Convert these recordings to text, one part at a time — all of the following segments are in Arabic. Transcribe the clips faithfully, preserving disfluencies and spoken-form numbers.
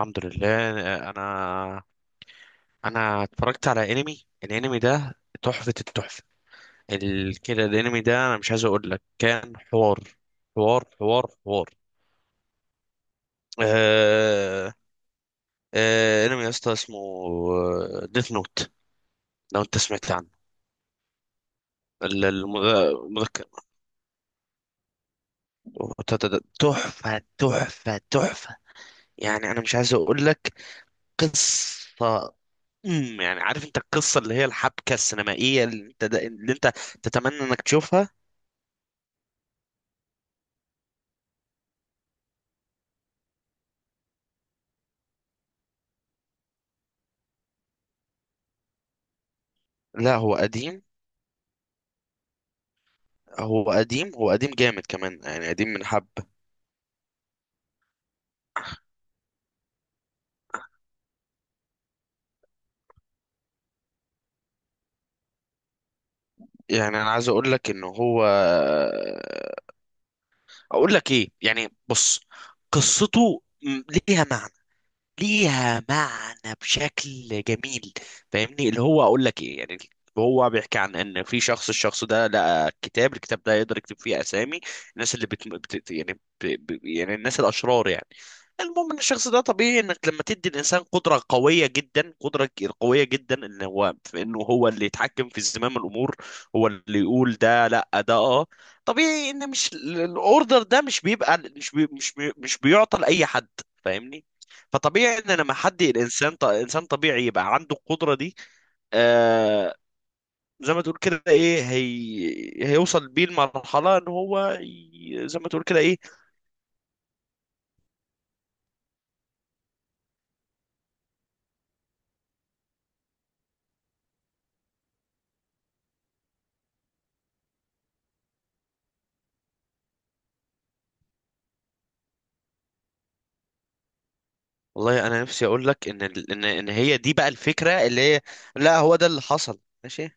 الحمد لله. انا انا اتفرجت على انمي الانمي ده تحفة التحفة. ال... كده الانمي ده انا مش عايز اقول لك، كان حوار حوار حوار حوار. آه... آه... انمي يا اسطى اسمه ديث نوت، لو انت سمعت عنه. ال- الم- المذكر تحفة تحفة تحفة. يعني انا مش عايز اقول لك، قصة، أم، يعني عارف انت القصة اللي هي الحبكة السينمائية اللي انت اللي انت تتمنى انك تشوفها. لا هو قديم، هو قديم هو قديم جامد كمان، يعني قديم من حب. يعني انا عايز اقول لك ان هو، اقول لك ايه، يعني بص، قصته م- ليها ليها معنى بشكل جميل. فاهمني، اللي هو اقول لك ايه يعني. هو بيحكي عن ان في شخص، الشخص ده لقى كتاب، الكتاب ده يقدر يكتب فيه اسامي الناس اللي بت... بت... يعني ب... ب... يعني الناس الاشرار يعني. المهم ان الشخص ده، طبيعي انك لما تدي الانسان قدره قويه جدا، قدره قويه جدا، ان هو، في انه هو اللي يتحكم في زمام الامور، هو اللي يقول ده لا ده اه. طبيعي ان مش الاوردر ده مش بيبقى، مش بي... مش بي... مش بيعطى لاي حد. فاهمني. فطبيعي ان لما حد الانسان ط... انسان طبيعي يبقى عنده القدره دي. آه، زي ما تقول كده ايه، هي... هيوصل بيه المرحله ان هو، ي... زي ما تقول كده ايه. والله انا نفسي اقول لك ان ال- ان ان هي دي بقى الفكره اللي هي، لا هو ده اللي حصل، ماشي.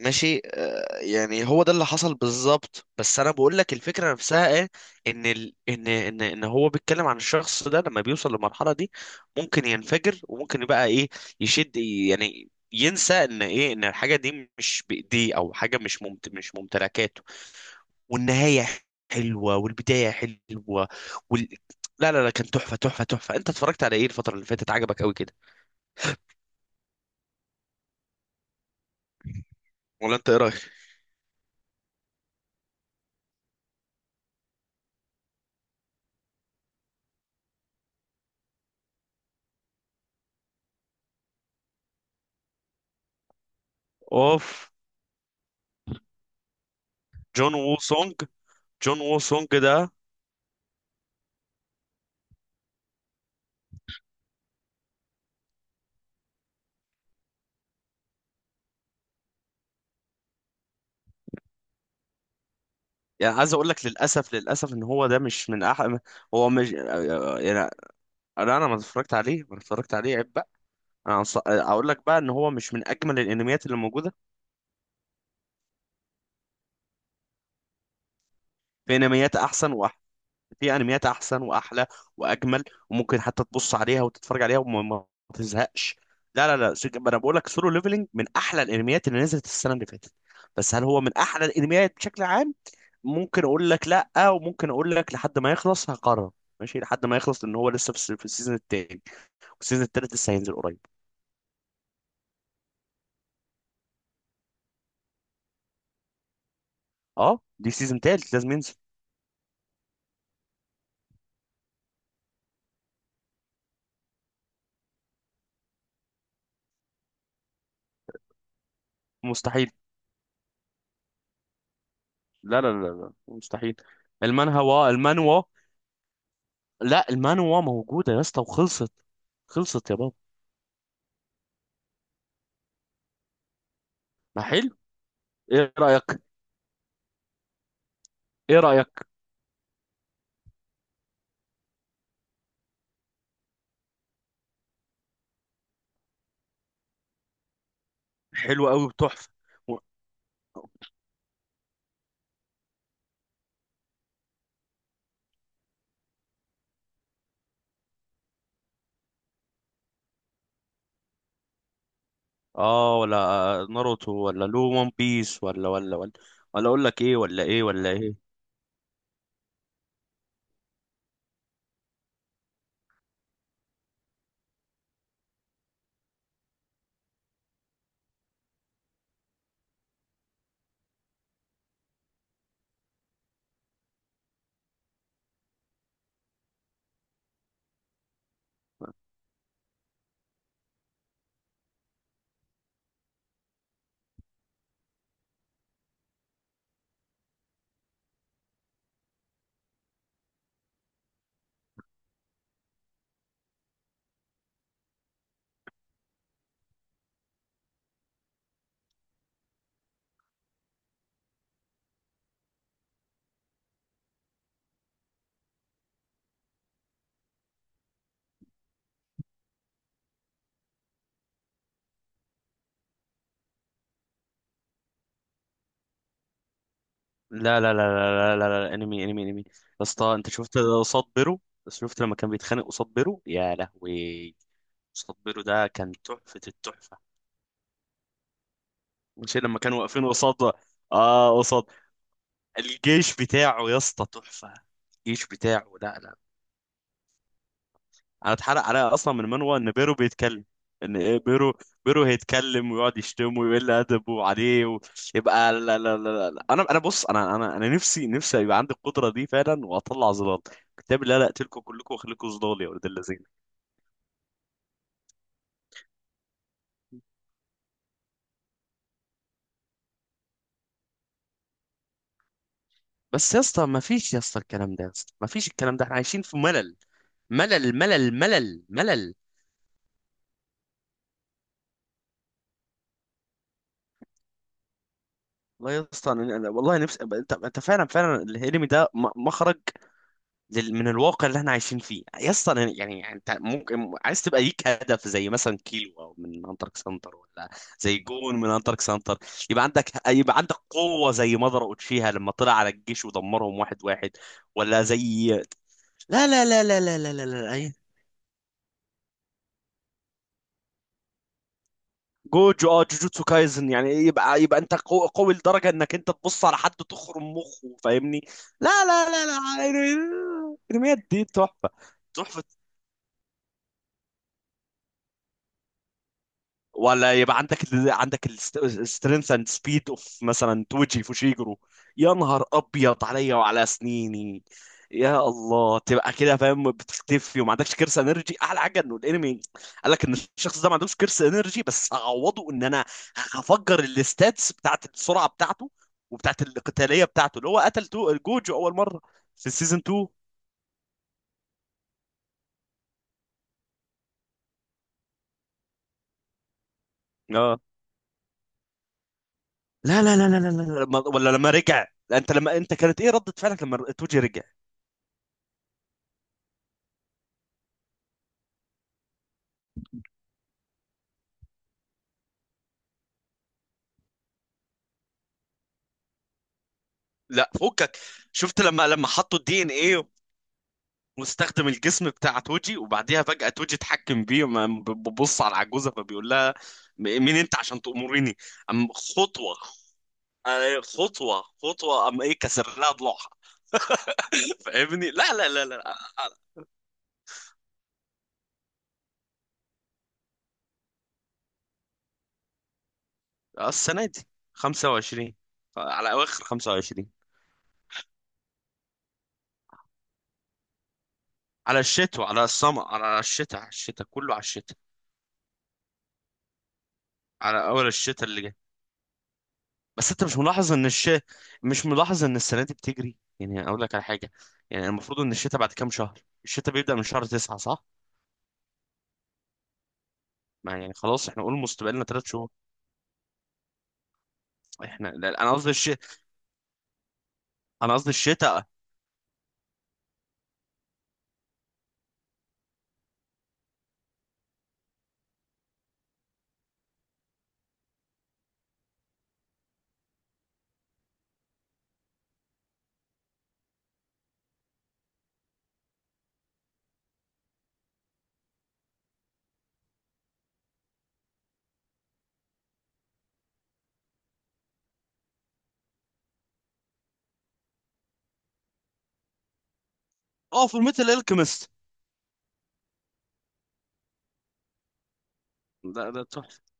ماشي آه، يعني هو ده اللي حصل بالظبط، بس انا بقول لك الفكره نفسها ايه. ان ال... ان ان ان هو بيتكلم عن الشخص ده لما بيوصل للمرحله دي، ممكن ينفجر وممكن يبقى ايه، يشد، يعني ينسى ان ايه، ان الحاجه دي مش بايديه، او حاجه مش ممت... مش ممتلكاته. والنهايه حلوه والبدايه حلوه وال... لا لا لا، كان تحفه تحفه تحفه. انت اتفرجت على ايه الفتره اللي فاتت عجبك قوي كده؟ ولا انت ايه رايك؟ اوف. جون وو سونج، جون وو سونج ده. يعني عايز اقول لك، للاسف للاسف، ان هو ده مش من احلى، هو مش يعني، انا انا ما اتفرجت عليه، ما اتفرجت عليه، عيب بقى. انا أص- اقول لك بقى ان هو مش من اجمل الانميات اللي موجوده. في انميات احسن واحلى، في انميات احسن واحلى واجمل، وممكن حتى تبص عليها وتتفرج عليها وما ما تزهقش. لا لا لا، سج- انا بقول لك، سولو ليفلنج من احلى الانميات اللي نزلت السنه اللي فاتت. بس هل هو من احلى الانميات بشكل عام؟ ممكن اقول لك لا، وممكن اقول لك لحد ما يخلص هقرر. ماشي، لحد ما يخلص، لان هو لسه في الس- في السيزون التاني، والسيزون التالت لسه هينزل قريب. اه، دي سيزون تالت لازم ينزل. مستحيل. لا لا لا لا مستحيل. المانهوا المانوا، لا المانوا موجوده يا اسطى وخلصت. خلصت يا بابا. ما حلو. ايه رايك؟ ايه رايك؟ حلو قوي وتحفه و- اه. ولا ناروتو، ولا لو ون بيس، ولا ولا ولا ولا اقول لك ايه، ولا ايه ولا ايه. لا لا لا لا لا لا لا, انمي انمي انمي يا اسطى، انت شفت قصاد بيرو؟ شفت لما كان بيتخانق قصاد بيرو يا لهوي؟ قصاد بيرو ده كان تحفة التحفة. مش لما كانوا واقفين قصاد، اه قصاد الجيش بتاعه، يا اسطى تحفة. الجيش بتاعه، لا لا، انا اتحرق عليا اصلا من منوى ان بيرو بيتكلم، ان ايه بيرو، بيرو هيتكلم ويقعد يشتمه ويقل ادبه عليه، ويبقى لا لا لا لا. انا انا بص، انا انا انا نفسي نفسي يبقى عندي القدره دي فعلا واطلع ظلال كتاب. لا لا، اقتلكم كلكم واخليكم ظلال يا ولد الذين. بس يا اسطى ما فيش يا اسطى الكلام ده، يا اسطى ما فيش الكلام ده، احنا عايشين في ملل ملل ملل ملل ملل. والله يا اسطى انا، أنا- والله نفسي أبقى- انت انت فعلا فعلا الانمي ده م- مخرج لل- من الواقع اللي احنا عايشين فيه يا اسطى. أنا- يعني انت ممكن عايز تبقى ليك هدف زي مثلا كيلو او من انترك سنتر، ولا زي جون من انترك سنتر. يبقى عندك، يبقى عندك قوه زي مضر اوتشيها لما طلع على الجيش ودمرهم واحد واحد، ولا زي، لا لا لا لا لا لا لا, لا. أي- جوجو. اه، جوجوتسو كايزن، يعني يبقى يبقى انت قو- قوي لدرجه انك انت تبص على حد تخرم مخه، فاهمني. لا لا لا لا الانميات دي تحفه تحفه. ولا يبقى عندك ال... عندك السترينث اند سبيد اوف مثلا توجي فوشيجرو. يا نهار ابيض عليا وعلى سنيني. يا الله، تبقى كده فاهم، بتختفي وما عندكش كرسي انرجي، احلى حاجه انه الانمي قال لك ان الشخص ده ما عندوش كرسي انرجي، بس هعوضه ان انا هفجر الستاتس بتاعت السرعه بتاعته وبتاعت القتاليه بتاعته، اللي هو قتل تو جوجو اول مره في السيزون اتنين. اه، لا لا لا لا لا لا لا، ما- ولا لما رجع. انت لما انت كانت ايه ردة فعلك لما توجي رجع؟ لا فكك، شفت لما لما حطوا الدي ان ايه، واستخدم الجسم بتاع توجي، وبعديها فجأة توجي اتحكم بيه، ما- ب- ببص على العجوزة فبيقول لها، م- مين انت عشان تأمريني؟ أم خطوة، آه، خطوة خطوة، أم ايه، كسر لها ضلوعها. فاهمني. لا لا لا لا. السنة دي خمسة وعشرين، على أواخر خمسة وعشرين، على الشتاء، على السمر، على الشتاء، على الشتاء كله، على الشتاء، على أول الشتاء اللي جاي. بس انت مش ملاحظ ان الش مش ملاحظ ان السنه دي بتجري؟ يعني اقول لك على حاجه، يعني المفروض ان الشتاء بعد كام شهر، الشتاء بيبدا من شهر تسعة صح. ما يعني خلاص احنا قول مستقبلنا ثلاث شهور. احنا لا، انا قصدي الش انا قصدي الشتاء. اه، في ميتال الكيمست، ده ده تحفه.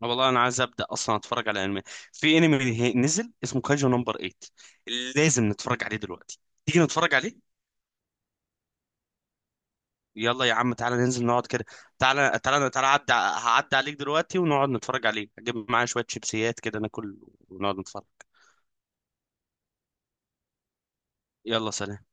والله انا عايز ابدا اصلا اتفرج على انمي، في انمي نزل اسمه كاجو نمبر ثمانية، لازم نتفرج عليه دلوقتي، تيجي نتفرج عليه؟ يلا يا عم، تعالى ننزل نقعد كده، تعالى تعالى تعالى عدى، هعدي عليك دلوقتي ونقعد نتفرج عليه، اجيب معايا شوية شيبسيات كده ناكل ونقعد نتفرج. يلا، سلام.